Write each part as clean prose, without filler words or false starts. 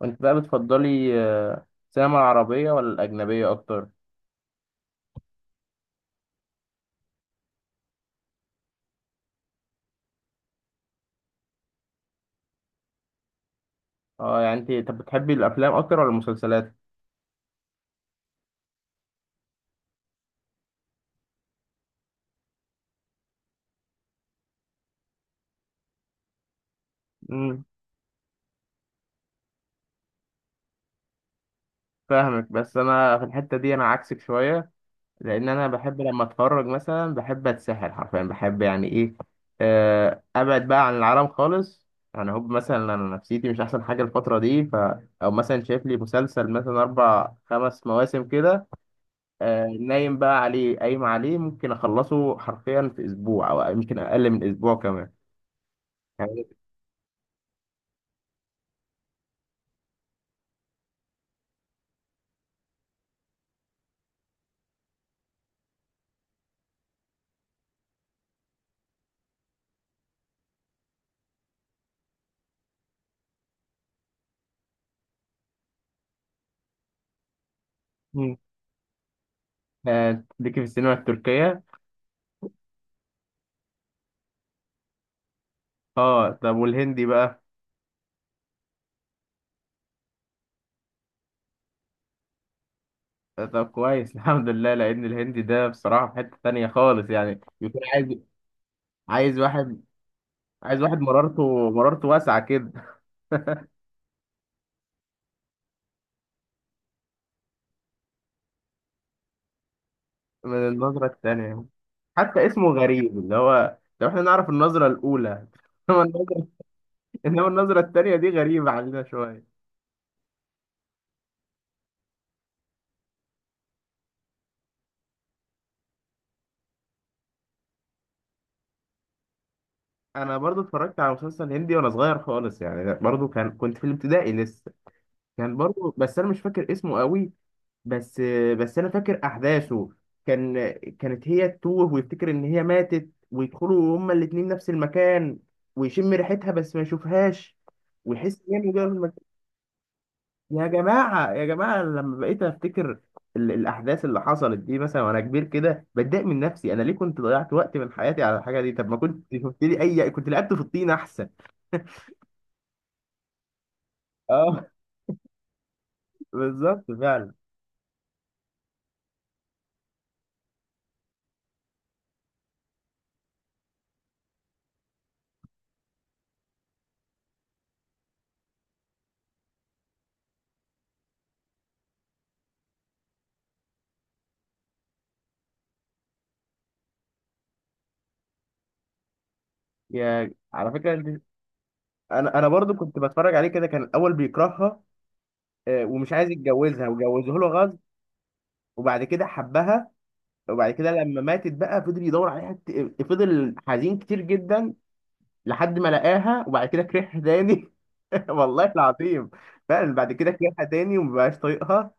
وانت بقى بتفضلي السينما العربية ولا الأجنبية أكتر؟ اه، يعني انت طب بتحبي الأفلام أكتر ولا المسلسلات؟ امم فاهمك، بس أنا في الحتة دي أنا عكسك شوية. لأن أنا بحب لما أتفرج مثلا بحب أتسحل حرفيا، بحب يعني إيه، أبعد بقى عن العالم خالص. يعني هو مثلا أنا نفسيتي مش أحسن حاجة الفترة دي، ف، أو مثلا شايف لي مسلسل مثلا أربع خمس مواسم كده، نايم بقى عليه قايم عليه ممكن أخلصه حرفيا في أسبوع أو يمكن أقل من أسبوع كمان، يعني. مم. ليكي في السينما التركية؟ اه، طب والهندي بقى؟ طب كويس. الحمد لله، لأن الهندي ده بصراحة في حتة تانية خالص، يعني يكون عايز، عايز واحد عايز واحد مرارته مرارته واسعة كده. من النظرة التانية، حتى اسمه غريب، اللي هو لو احنا نعرف النظرة الأولى، إنما النظرة إنما النظرة التانية دي غريبة علينا شوية. أنا برضو اتفرجت على مسلسل هندي وأنا صغير خالص يعني، برضو كنت في الابتدائي لسه. كان برضو، بس أنا مش فاكر اسمه قوي، بس بس انا فاكر احداثه. كانت هي تتوه، ويفتكر ان هي ماتت، ويدخلوا هما الاتنين نفس المكان، ويشم ريحتها بس ما يشوفهاش، ويحس ان هي مجرد. يا جماعه يا جماعه، لما بقيت افتكر الاحداث اللي حصلت دي مثلا وانا كبير كده، بتضايق من نفسي، انا ليه كنت ضيعت وقت من حياتي على الحاجه دي؟ طب ما كنت شفت لي اي، كنت لعبت في الطين احسن. اه، بالظبط فعلا. يا على فكره، انت انا برضو كنت بتفرج عليه كده، كان الاول بيكرهها، ومش عايز يتجوزها، وجوزه له غصب، وبعد كده حبها، وبعد كده لما ماتت بقى فضل يدور عليها، فضل حزين كتير جدا، لحد ما لقاها، وبعد كده كرهها تاني. والله العظيم، فعلا بعد كده كرهها تاني ومبقاش طايقها،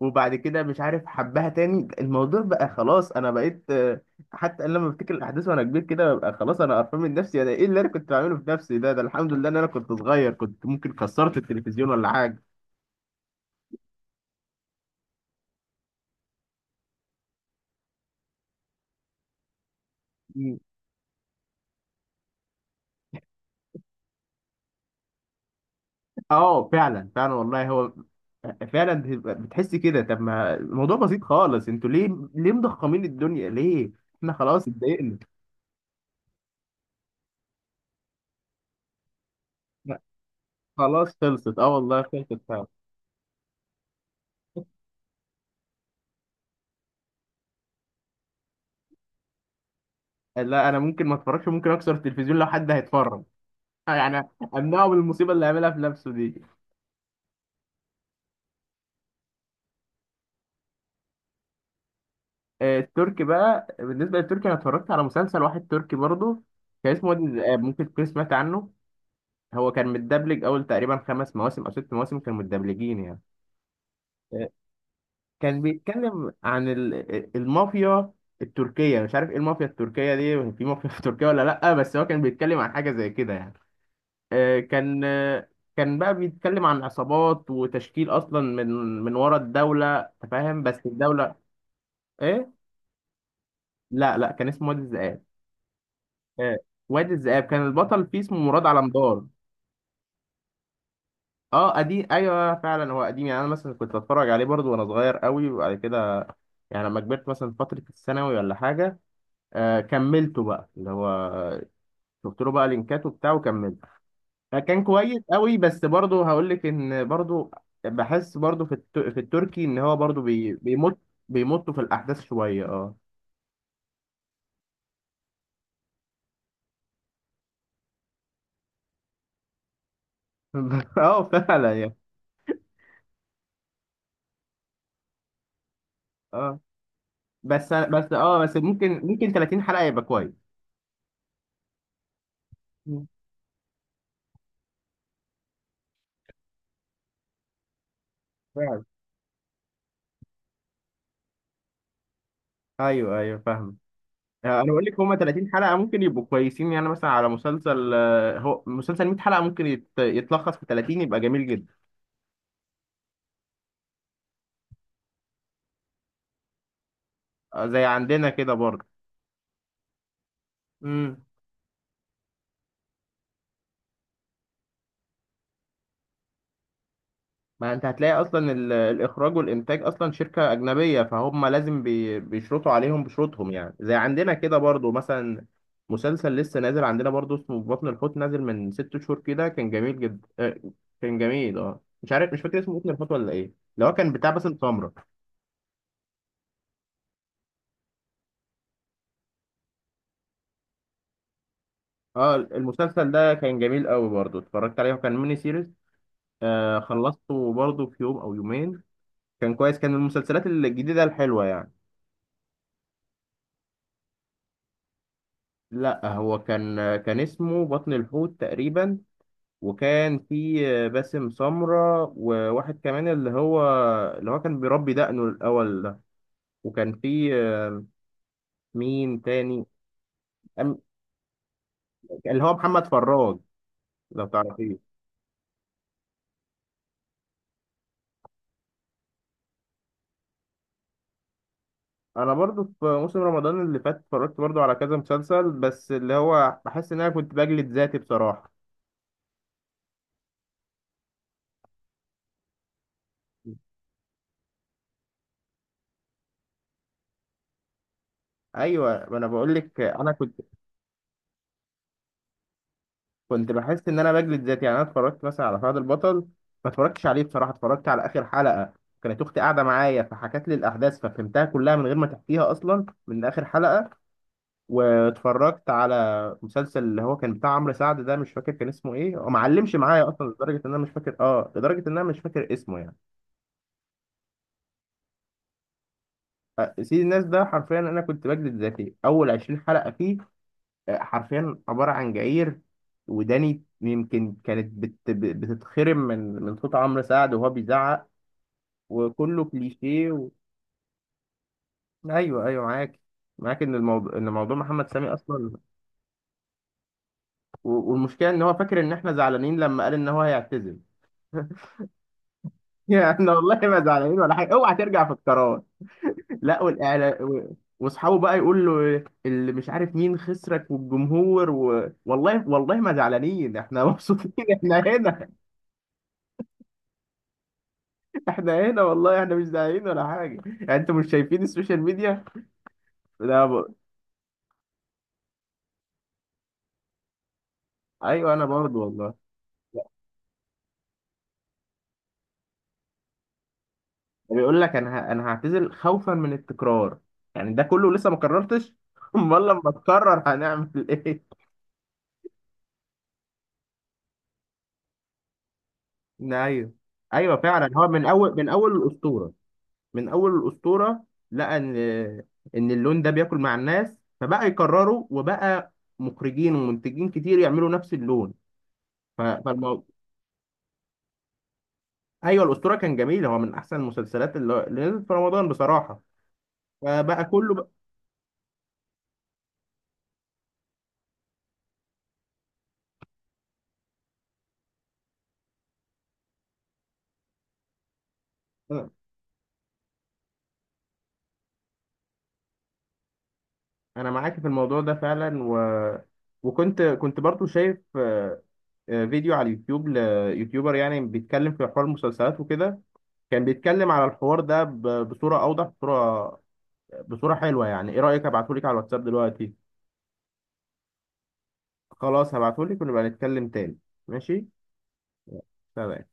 وبعد كده مش عارف حبها تاني. الموضوع بقى خلاص، انا بقيت، حتى أنا لما بفتكر الاحداث وانا كبير كده ببقى خلاص انا قرفان من نفسي، انا ايه اللي انا كنت بعمله في نفسي ده؟ الحمد لله ان انا كنت صغير، كنت ممكن كسرت التلفزيون ولا حاجه. اه فعلا فعلا والله، هو فعلا بتحس كده، طب ما الموضوع بسيط خالص، انتوا ليه، ليه مضخمين الدنيا ليه، احنا خلاص اتضايقنا. لا، خلاص خلصت، اه والله خلصت فعلا. لا انا ممكن ما اتفرجش، ممكن اكسر التلفزيون لو حد هيتفرج، يعني امنعه من المصيبه اللي هيعملها في نفسه دي. التركي بقى، بالنسبه للتركي انا اتفرجت على مسلسل واحد تركي برضه، كان اسمه وادي الذئاب، ممكن تكون سمعت عنه. هو كان متدبلج اول تقريبا خمس مواسم او ست مواسم كانوا متدبلجين يعني. آه، كان بيتكلم عن المافيا التركية، مش عارف ايه المافيا التركية دي، في مافيا في تركيا ولا لأ، بس هو كان بيتكلم عن حاجة زي كده يعني. آه، كان آه، كان بقى بيتكلم عن عصابات وتشكيل أصلا، من ورا الدولة، أنت فاهم، بس الدولة. ايه، لا لا، كان اسمه وادي الذئاب. آه، وادي الذئاب كان البطل فيه اسمه مراد على مدار. اه قديم ايوه فعلا، هو قديم يعني، انا مثلا كنت اتفرج عليه برضو وانا صغير قوي، وبعد كده يعني لما كبرت مثلا فترة الثانوي ولا حاجة، كملته بقى، اللي هو شفت له بقى لينكات وبتاع وكملته، فكان كويس قوي، بس برضه هقول لك ان برضه بحس برضه في في التركي ان هو برضه بيمط، بيمطوا في الاحداث شويه، اه. اه فعلا يعني، اه بس ممكن 30 حلقه يبقى كويس. مم. فعلا. ايوه ايوه فاهم. انا بقول لك هما 30 حلقه ممكن يبقوا كويسين، يعني مثلا على مسلسل، هو مسلسل 100 حلقه ممكن يتلخص في 30، يبقى جميل جدا. زي عندنا كده برضه. مم. ما انت هتلاقي اصلا الاخراج والانتاج اصلا شركه اجنبيه، فهم لازم بيشرطوا عليهم بشروطهم، يعني زي عندنا كده برضو مثلا. مسلسل لسه نازل عندنا برضو اسمه في بطن الحوت، نازل من 6 شهور كده، كان جميل جدا، كان جميل، مش عارف مش فاكر اسمه بطن الحوت ولا ايه، اللي هو كان بتاع باسم سمرة. اه، المسلسل ده كان جميل قوي برضو، اتفرجت عليه وكان ميني سيريز، خلصته برضو في يوم او يومين. كان كويس، كان من المسلسلات الجديده الحلوه يعني. لا، هو كان اسمه بطن الحوت تقريبا، وكان في باسم سمرة وواحد كمان، اللي هو كان بيربي دقنه الأول ده، وكان في مين تاني، أم- اللي هو محمد فراج لو تعرفيه. أنا برضو في موسم رمضان اللي فات اتفرجت برضو على كذا مسلسل، بس اللي هو بحس إن أنا كنت بجلد ذاتي بصراحة. أيوة، ما أنا بقول لك أنا كنت بحس ان انا بجلد ذاتي، يعني انا اتفرجت مثلا على فهد البطل، ما اتفرجتش عليه بصراحه، اتفرجت على اخر حلقه، كانت اختي قاعده معايا فحكت لي الاحداث، ففهمتها كلها من غير ما تحكيها اصلا من اخر حلقه. واتفرجت على مسلسل اللي هو كان بتاع عمرو سعد، ده مش فاكر كان اسمه ايه، هو معلمش معايا اصلا، لدرجه ان انا مش فاكر اسمه يعني. سيد الناس ده حرفيا انا كنت بجلد ذاتي اول 20 حلقه فيه، حرفيا عبارة عن جعير، وداني يمكن كانت بتتخرم من صوت عمرو سعد وهو بيزعق، وكله كليشيه، ايوه ايوه معاك، معاك ان الموضوع، ان موضوع محمد سامي اصلا، والمشكله ان هو فاكر ان احنا زعلانين لما قال ان هو هيعتزل. يعني احنا والله ما زعلانين ولا حاجه، اوعى ترجع في القرار. لا، والاعلام واصحابه بقى يقول له اللي مش عارف مين خسرك والجمهور، والله والله ما زعلانين، احنا مبسوطين، احنا هنا، احنا هنا والله، احنا مش داعيين ولا حاجه، يعني انتوا مش شايفين السوشيال ميديا؟ لا ب... ايوه انا برضو والله. بيقول لك انا هعتزل خوفا من التكرار، يعني ده كله لسه ما قررتش، امال لما تقرر هنعمل ايه؟ ايوه ايوه فعلا، هو من اول الاسطوره، من اول الاسطوره لقى ان اللون ده بياكل مع الناس، فبقى يكرروا، وبقى مخرجين ومنتجين كتير يعملوا نفس اللون، ف... فالمو- ايوه الاسطوره كان جميل، هو من احسن المسلسلات اللي نزلت في رمضان بصراحه. فبقى كله بقى، انا معاك في الموضوع ده فعلا، و... وكنت كنت برضو شايف فيديو على اليوتيوب ليوتيوبر يعني بيتكلم في حوار المسلسلات وكده، كان بيتكلم على الحوار ده، بصوره اوضح، بصوره حلوه، يعني ايه رايك ابعتهولك على الواتساب دلوقتي؟ خلاص هبعتهولك، ونبقى نتكلم تاني. ماشي. سلام.